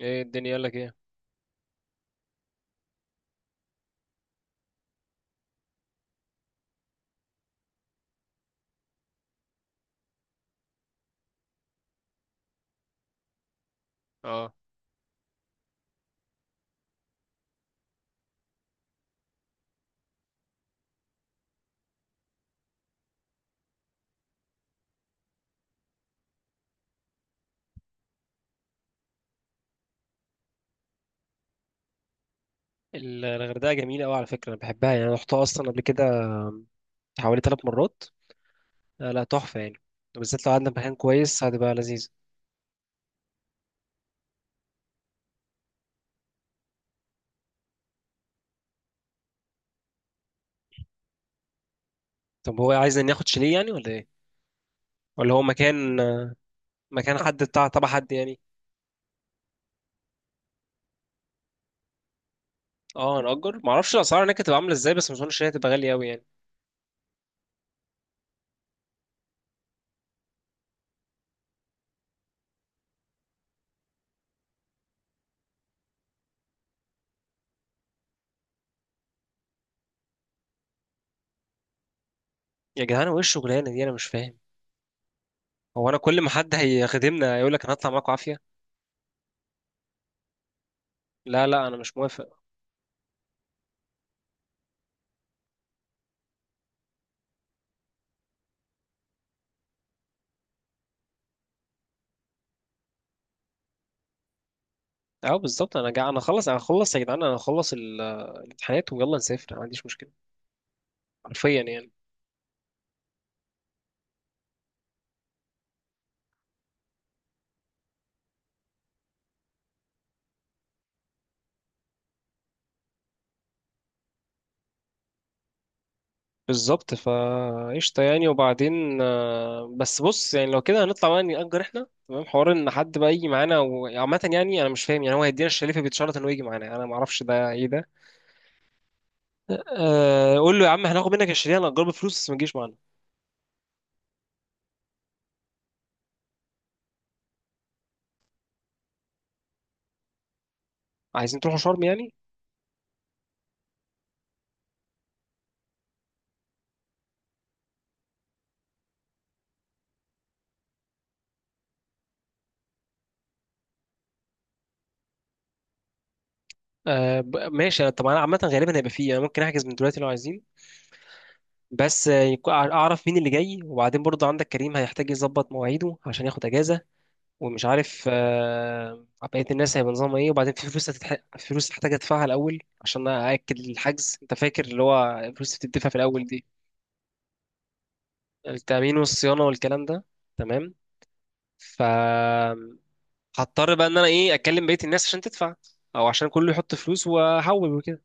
ايه الدنيا يقول لك ايه. اه الغردقه جميله قوي على فكره، انا بحبها يعني. انا رحتها اصلا قبل كده حوالي 3 مرات. لا تحفه يعني، بالذات لو قعدنا في مكان كويس هتبقى لذيذه. طب هو عايز ناخد شاليه يعني ولا ايه؟ ولا هو مكان حد بتاع تبع حد يعني؟ اه نأجر. ما اعرفش الاسعار هناك هتبقى عامله ازاي، بس ما اظنش ان هي هتبقى غاليه قوي يعني. يا جدعان هو ايه الشغلانه دي؟ انا مش فاهم. هو انا كل ما حد هيخدمنا يقول لك انا هطلع معاكم؟ عافيه. لا، لا، انا مش موافق. اه بالظبط. انا خلص يا جدعان، انا هخلص الامتحانات ويلا نسافر، أنا ما عنديش مشكله. حرفيا يعني. بالظبط، فقشطة يعني. وبعدين بس بص، يعني لو كده هنطلع بقى نأجر احنا، تمام، حوار ان حد بقى يجي معانا وعامة يعني انا مش فاهم. يعني هو هيدينا الشريفة بيتشرط انه يجي معانا؟ انا ما اعرفش ده ايه ده. أه قول له يا عم هناخد منك الشريفة، هنأجره بفلوس، بس ما تجيش معانا. عايزين تروحوا شرم يعني؟ أه ماشي. طب انا عامة غالبا هيبقى فيه يعني، ممكن احجز من دلوقتي لو عايزين. بس اعرف مين اللي جاي. وبعدين برضه عندك كريم هيحتاج يظبط مواعيده عشان ياخد اجازة. ومش عارف بقية الناس هيبقى نظامها ايه. وبعدين في فلوس فلوس هحتاج ادفعها الاول عشان ااكد الحجز. انت فاكر اللي هو الفلوس اللي بتدفع في الاول دي؟ التامين والصيانة والكلام ده. تمام. ف هضطر بقى ان انا ايه، اكلم بقية الناس عشان تدفع، او عشان كله يحط فلوس واحول وكده.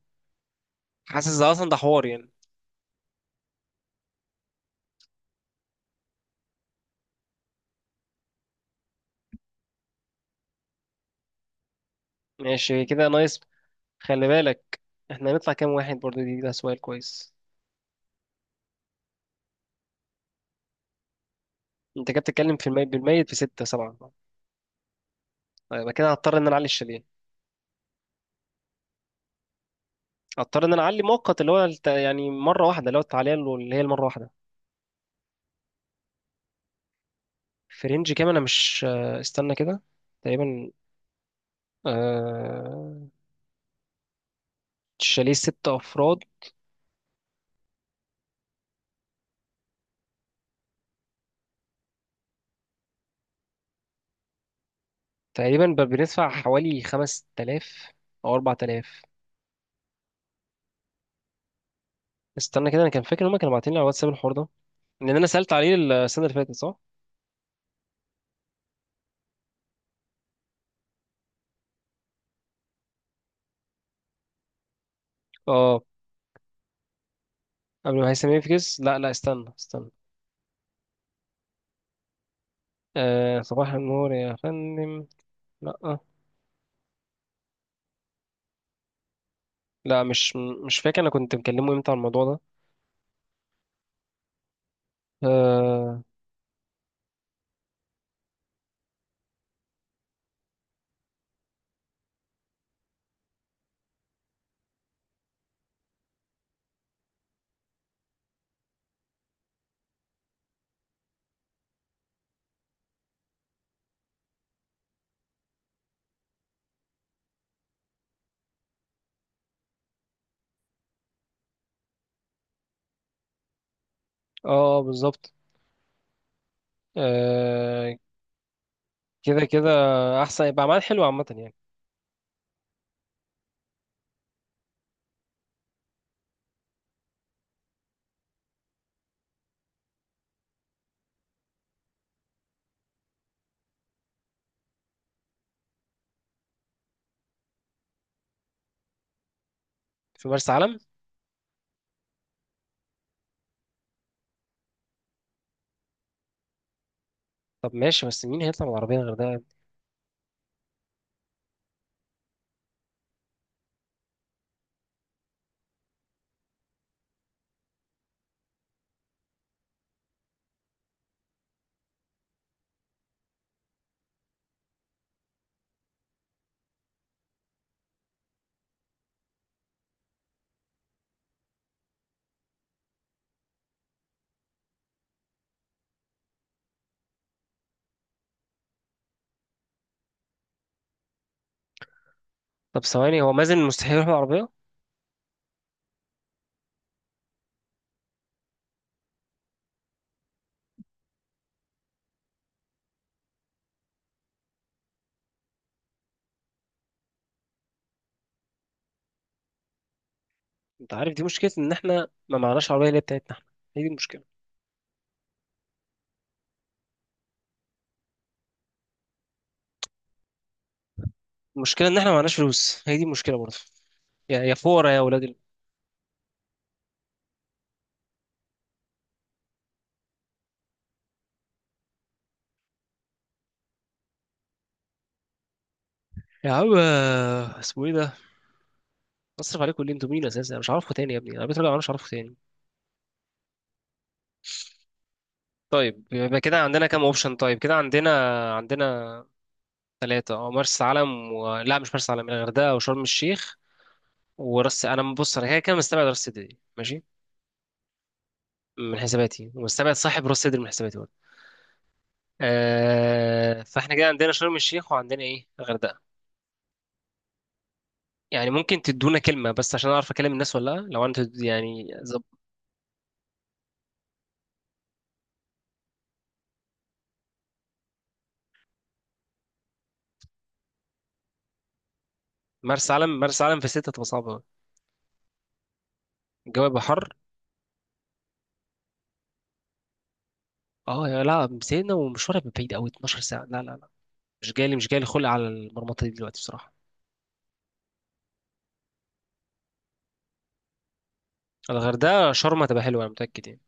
حاسس ده اصلا ده حوار يعني. ماشي كده، نايس. خلي بالك، احنا هنطلع كام واحد برضه؟ دي ده سؤال كويس. انت كده بتتكلم في الميت بالميت في 6 7. يبقى كده هضطر ان انا اعلي الشاليه، اضطر ان انا اعلي مؤقت اللي هو يعني مره واحده، اللي هو التعليه اللي هي المره واحده. في رينج كام؟ انا مش استنى كده. تقريبا آه، شاليه 6 افراد. تقريبا بندفع حوالي 5000 او 4000. استنى كده، انا كان فاكر ان هم كانوا باعتين لي على الواتساب الحوار ده، لان انا سالت عليه السنه اللي فاتت صح. اه، قبل ما هيثم يفكس. لا، لا، استنى استنى. صباح النور يا فندم. لا. لا، مش فاكر انا كنت مكلمه امتى على الموضوع ده. اه، اه، بالظبط. آه، كده كده احسن، يبقى عمال حلو عامه يعني. في مرسى علم. طب ماشي، بس مين هيطلع بالعربيه غير ده يعني؟ طب ثواني، هو مازن مستحيل يروح بالعربيه. انت عارف دي مشكله ان احنا ما معناش عربيه اللي هي بتاعتنا احنا. هي دي المشكله. المشكله ان احنا ما معناش فلوس، هي دي المشكله برضه. يا، يا فورة يا ولاد يا عم اسمه ايه ده. بصرف عليكم اللي انتوا مين اساسا، انا مش عارفكم تاني يا ابني. انا بيت راجع، أنا مش عارفكم تاني. طيب يبقى كده عندنا كام اوبشن؟ طيب كده عندنا ثلاثة. اه، مرسى علم لا، مش مرسى علم، الغردقة وشرم الشيخ انا بص، انا كده كده مستبعد راس صدري دي، ماشي، من حساباتي، ومستبعد صاحب راس صدري من حساباتي برضه. فاحنا كده عندنا شرم الشيخ، وعندنا ايه، الغردقه. يعني ممكن تدونا كلمه بس عشان اعرف اكلم الناس ولا لا. لو انت يعني مرسى علم، مرسى علم في ستة هتبقى صعبه أوي. الجو هيبقى حر. اه، يا لا مسينا ومشوار هيبقى بعيد قوي، 12 ساعه. لا، لا، لا، مش جالي، مش جالي خلق على المرمطه دي دلوقتي بصراحه. الغردقه شرم هتبقى حلوه انا متاكد يعني.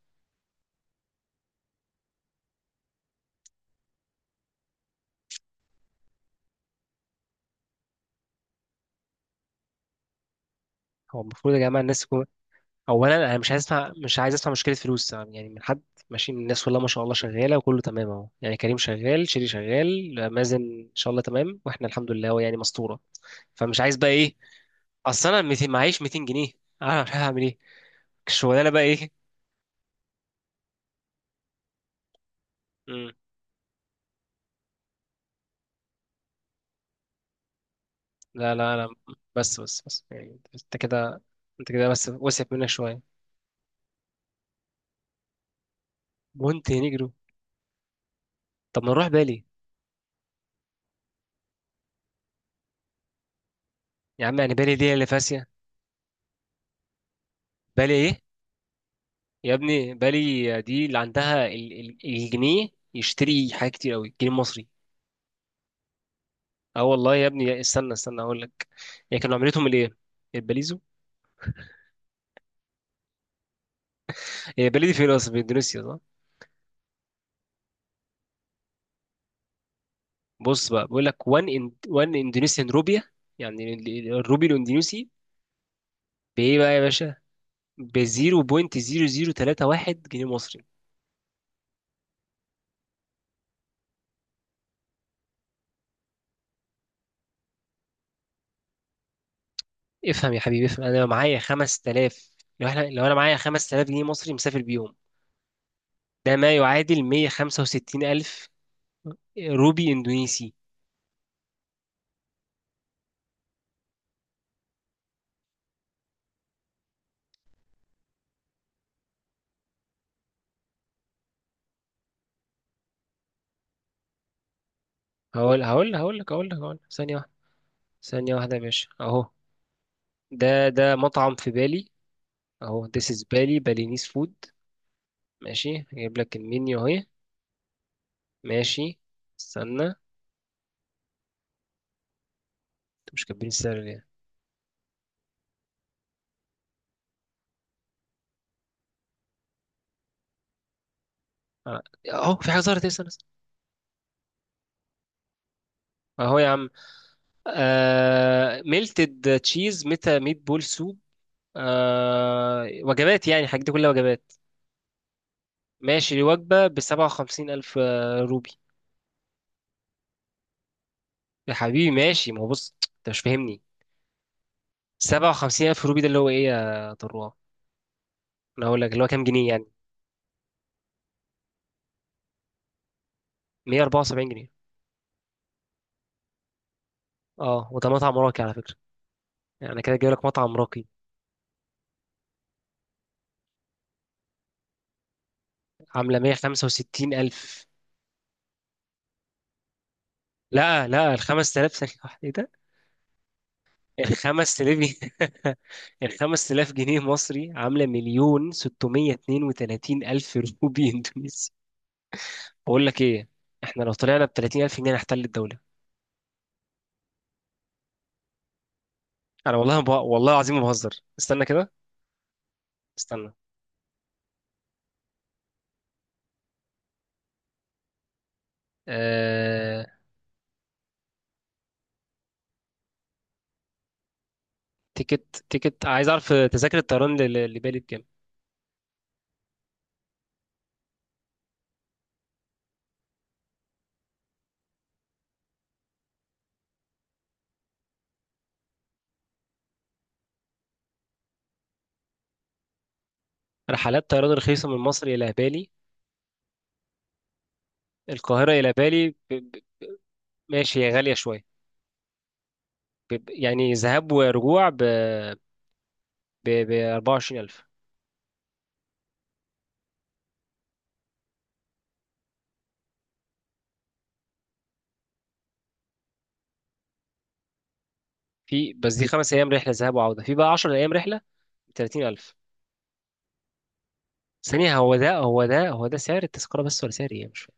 هو المفروض يا جماعه الناس، اولا انا مش عايز اسمع، مش عايز اسمع مشكله فلوس يعني من حد. ماشي من الناس، والله ما شاء الله شغاله وكله تمام اهو يعني، كريم شغال، شيري شغال، مازن ان شاء الله تمام، واحنا الحمد لله هو يعني مسطوره. فمش عايز بقى ايه، اصل انا 200 معيش 200 جنيه، انا مش عارف اعمل ايه الشغلانه بقى ايه. مم. لا، لا، لا، بس، بس، بس، يعني انت كده، انت كده بس وسعت منك شويه. مونتي نيجرو؟ طب ما نروح بالي. يا عم يعني بالي دي اللي فاسيه؟ بالي ايه؟ يا ابني بالي دي اللي عندها الجنيه يشتري حاجات كتير قوي، الجنيه المصري. اه والله يا ابني، استنى استنى اقول لك. هي كانوا عملتهم الايه، الباليزو. هي بالي دي فين اصلا؟ في اندونيسيا صح؟ بص بقى بيقول لك 1 1 اندونيسيان روبيا، يعني الروبي الاندونيسي بايه بقى يا باشا؟ ب 0.0031 جنيه مصري. افهم يا حبيبي افهم. انا لو معايا 5000، لو انا معايا 5000 جنيه مصري مسافر بيهم، ده ما يعادل 165 الف روبي اندونيسي. هقول لك ثانية واحدة، ثانية واحدة يا باشا. اهو ده مطعم في بالي. اهو this is بالي بالينيز فود، ماشي. هجيب لك المنيو اهي. ماشي. استنى انتوا مش كاتبين السعر ليه؟ آه، اهو في حاجة ظهرت إيه؟ استنى استنى. اهو يا عم. ميلتد تشيز، ميت بول سوب. وجبات، يعني الحاجات دي كلها وجبات، ماشي. الوجبة بسبعة وخمسين ألف روبي. يا حبيبي ماشي. ما هو بص انت مش فاهمني. 57 ألف روبي ده اللي هو ايه يا طروه، انا اقول لك اللي هو كام جنيه يعني. 174 جنيه. اه وده مطعم راقي على فكره، يعني أنا كده جايب لك مطعم راقي. عامله 165 الف. لا، لا، ال 5000 ثانيه واحده ايه ده. ال 5000 جنيه ال 5000 جنيه مصري عامله مليون 632 الف روبي اندونيسي. بقول لك ايه، احنا لو طلعنا ب 30 الف جنيه نحتل الدوله. انا والله والله العظيم ما بهزر. استنى كده استنى. آه... تيكت، تيكت، عايز اعرف تذاكر الطيران لبالي بكام. رحلات طيران رخيصة من مصر إلى بالي، القاهرة إلى بالي ماشي هي غالية شوية. يعني ذهاب ورجوع، ب 24000. في بس دي 5 أيام رحلة ذهاب وعودة، في بقى 10 أيام رحلة ب 30000. ثانية، هو ده سعر التذكرة بس ولا سعر إيه، مش فاهم.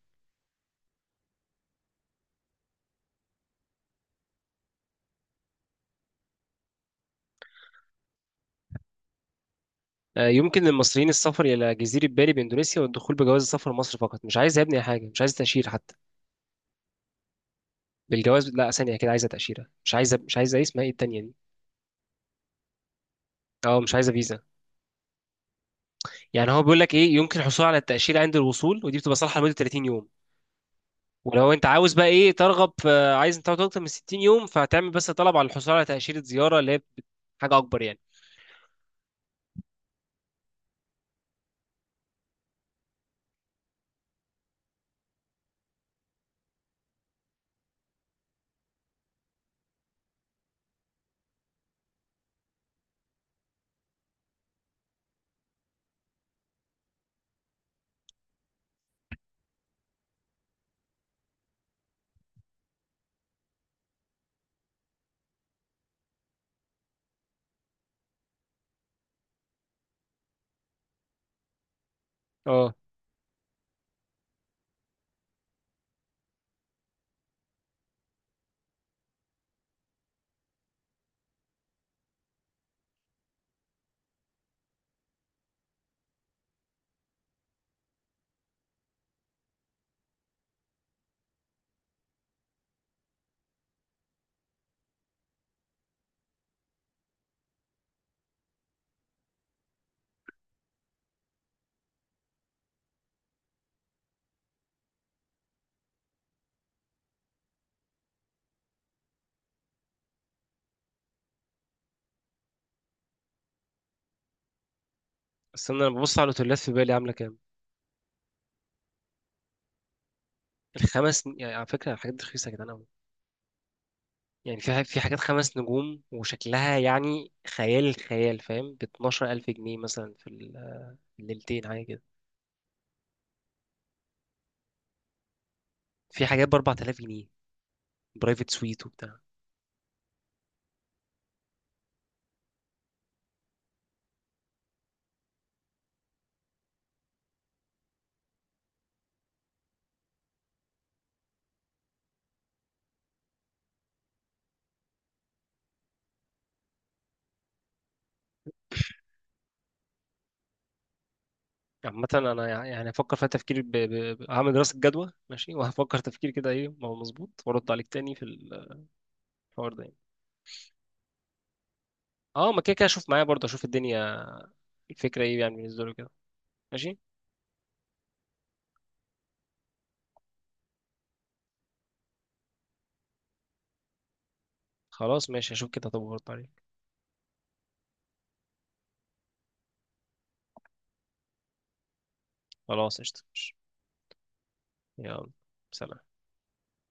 يمكن للمصريين السفر إلى جزيرة بالي بإندونيسيا والدخول بجواز السفر لمصر فقط. مش عايز يا ابني حاجة، مش عايز تأشيرة حتى، بالجواز. لا، ثانية كده، عايزة تأشيرة، مش عايزة إيه اسمها، إيه التانية دي، أه مش عايزة فيزا. يعني هو بيقول لك ايه، يمكن الحصول على التأشيرة عند الوصول، ودي بتبقى صالحة لمدة 30 يوم. ولو انت عاوز بقى ايه، ترغب في، عايز انت تقعد اكتر من 60 يوم، فهتعمل بس طلب على الحصول على تأشيرة زيارة، اللي هي حاجة اكبر يعني. اه. بس انا لما ببص على الاوتيلات في بالي عاملة كام، الخمس يعني، على فكرة الحاجات دي رخيصة يا جدعان قوي. يعني في حاجات 5 نجوم وشكلها يعني خيال الخيال، فاهم، ب 12000 جنيه مثلا في الليلتين حاجة كده. في حاجات ب 4000 جنيه، برايفت سويت وبتاع. عامة أنا يعني هفكر فيها تفكير هعمل دراسة جدوى ماشي، وهفكر تفكير كده إيه ما هو مظبوط، وأرد عليك تاني في الحوار ده يعني. أه ما كده كده أشوف معايا برضه، أشوف الدنيا، الفكرة إيه يعني بالنسبة له كده، ماشي. خلاص ماشي، أشوف كده طب وأرد عليك. خلاص قشطة ماشي. يلا، سلام.